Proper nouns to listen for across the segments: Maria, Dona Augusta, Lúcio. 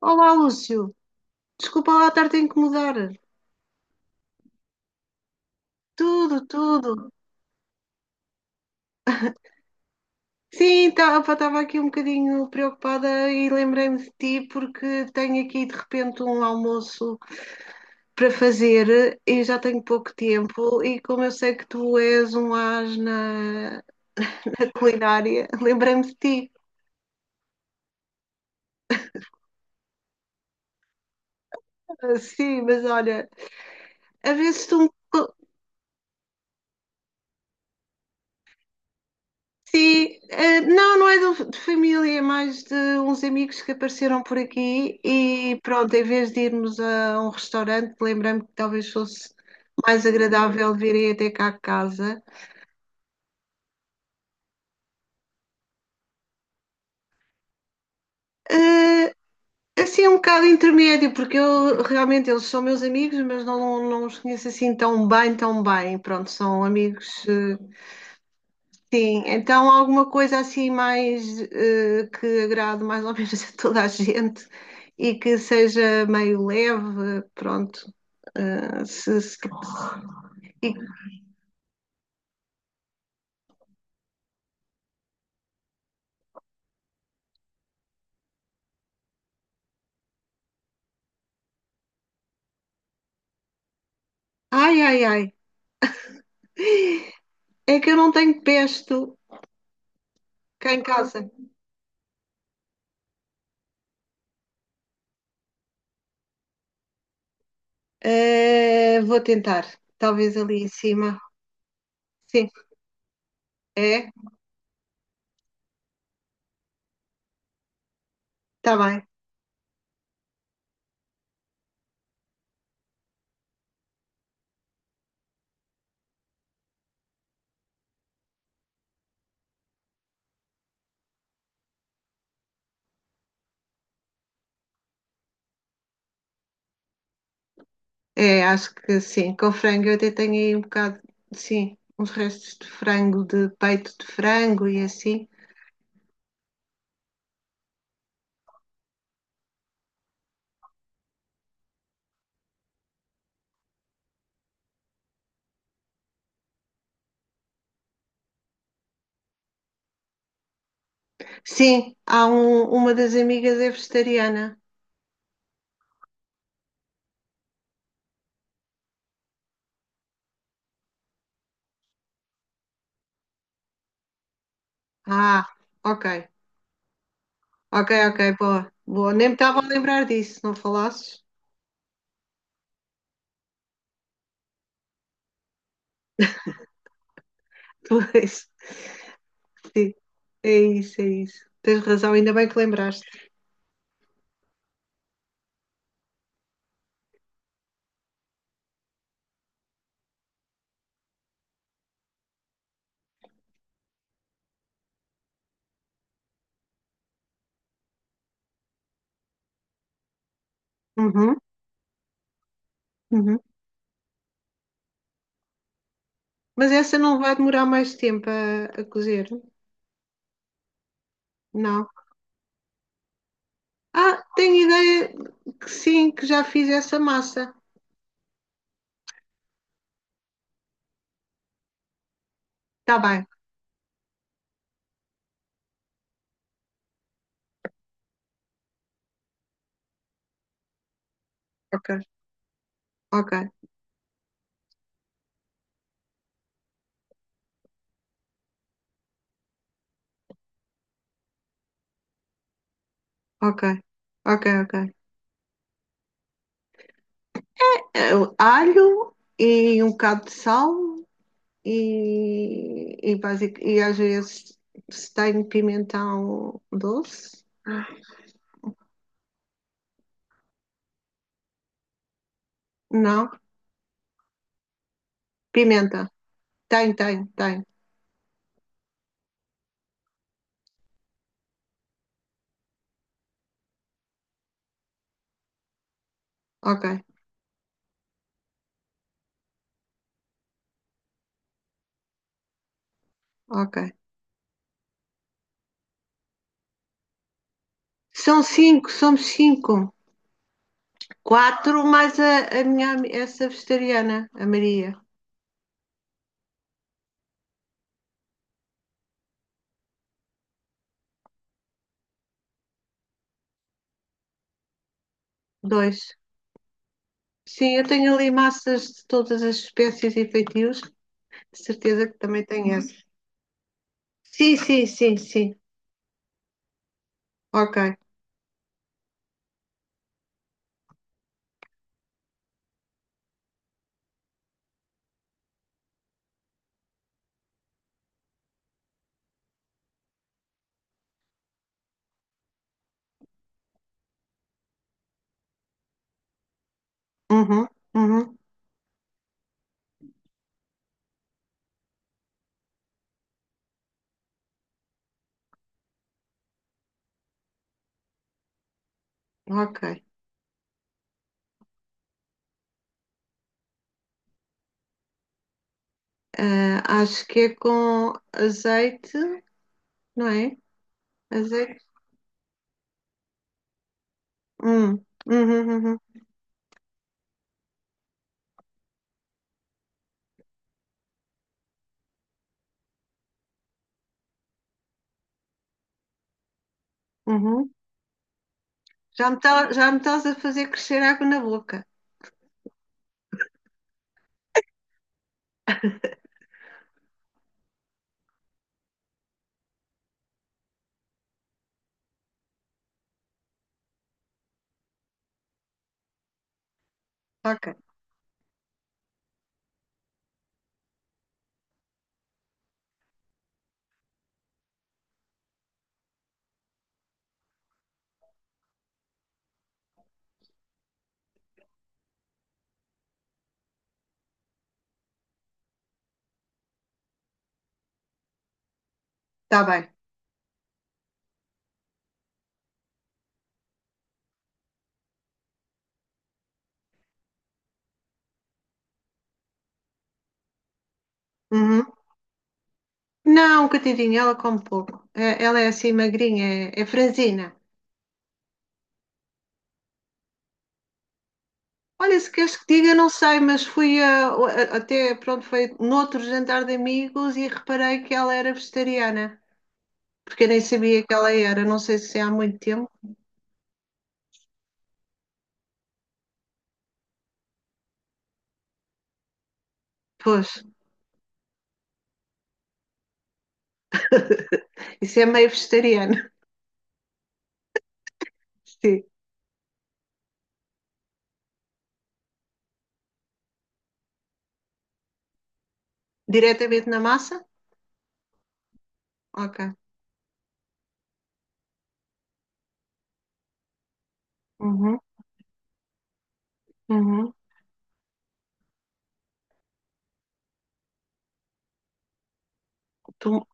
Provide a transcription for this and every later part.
Olá, Lúcio. Desculpa lá estar-te a incomodar. Tudo, tudo. Sim, estava aqui um bocadinho preocupada e lembrei-me de ti porque tenho aqui de repente um almoço para fazer e já tenho pouco tempo. E como eu sei que tu és um as na, na culinária, lembrei-me de ti. Ah, sim, mas olha, a ver se tu me. Sim, não, não é de família, é mais de uns amigos que apareceram por aqui e pronto, em vez de irmos a um restaurante, lembrei-me que talvez fosse mais agradável virem até cá a casa. Eh, assim, é um bocado intermédio, porque eu realmente eles são meus amigos, mas não, não os conheço assim tão bem, tão bem. Pronto, são amigos. Sim, então alguma coisa assim mais que agrade mais ou menos a toda a gente e que seja meio leve, pronto. Eh, se- se- e- Ai, ai, ai, é que eu não tenho pesto cá em casa. Vou tentar, talvez ali em cima. Sim, é, tá bem. É, acho que sim, com frango eu até tenho aí um bocado, sim, uns restos de frango, de peito de frango e assim. Sim, há uma das amigas é vegetariana. Ah, ok, ok, ok, boa, boa. Nem me estava a lembrar disso, não falasses? Pois, sim, é isso, é isso. Tens razão, ainda bem que lembraste. Uhum, uhum. Mas essa não vai demorar mais tempo a cozer? Não. Ah, tenho ideia que sim, que já fiz essa massa. Tá bem, ok, ok, ok, ok, ok. Eh, Alho e um bocado de sal e às vezes se tem pimentão doce? Não? Pimenta. Tem, tem, tem. Ok, ok. São cinco, somos cinco. Quatro mais a minha, essa vegetariana, a Maria. Dois. Sim, eu tenho ali massas de todas as espécies e feitios. De certeza que também tem essa. Sim, sim, sim, sim. Ok. Uhum, uhum, ok. Ah, acho que é com azeite, não é? Mas é. Uhum, uhum, uhum. Já me estás a fazer crescer água na boca. Ok, está bem. Uhum. Não, coitadinha, ela come pouco. Ela é assim magrinha, é franzina. Olha, se queres que diga, não sei, mas fui até, pronto, foi noutro jantar de amigos e reparei que ela era vegetariana, porque eu nem sabia que ela era, não sei se é há muito tempo. Pois, isso é meio vegetariano. Sim. Diretamente na massa? Ok. Uhum, uhum. Tu-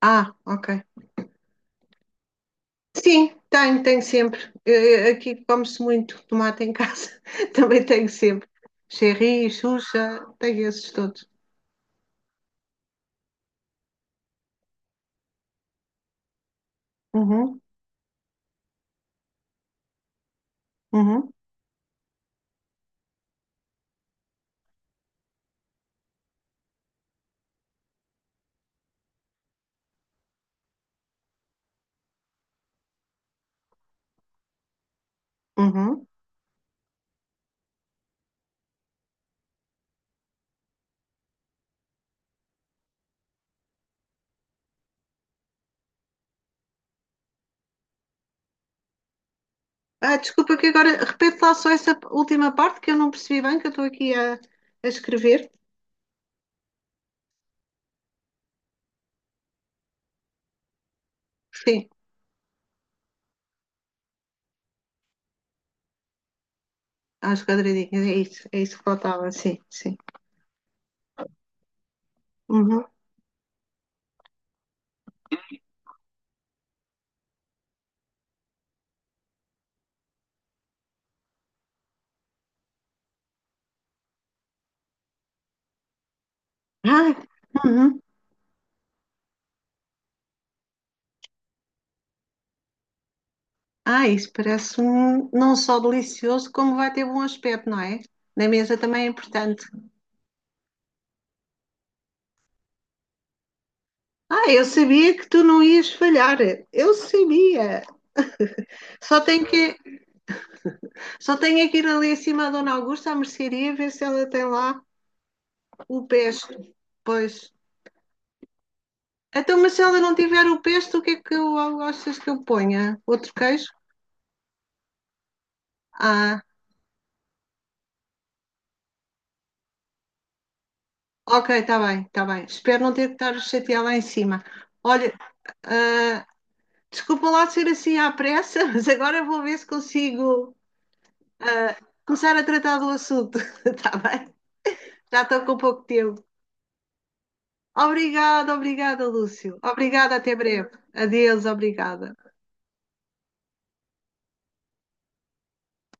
Ah, ok. Sim, tenho, tenho sempre. Aqui come-se muito tomate em casa. Também tenho sempre. Cherry, Xuxa, tenho esses todos. Uhum, uhum, uhum. Ah, desculpa que agora repete lá só essa última parte que eu não percebi bem, que eu estou aqui a escrever. Sim, às quadradinhas, é isso que faltava, sim, sim. Uhum. Ah, uhum. Ah, isso parece, um, não só delicioso, como vai ter bom aspecto, não é? Na mesa também é importante. Ah, eu sabia que tu não ias falhar. Eu sabia. Só tenho que, só tenho é que ir ali acima da Dona Augusta à mercearia ver se ela tem lá o pesto. Pois. Então, mas se ela não tiver o pesto, o que é que eu gostas que eu ponha? Outro queijo? Ah, ok, está bem, está bem. Espero não ter que estar a chatear lá em cima. Olha, ah, desculpa lá ser assim à pressa, mas agora vou ver se consigo ah, começar a tratar do assunto. Está bem? Já estou com pouco tempo. Obrigada, obrigada, Lúcio. Obrigada, até breve. Adeus, obrigada.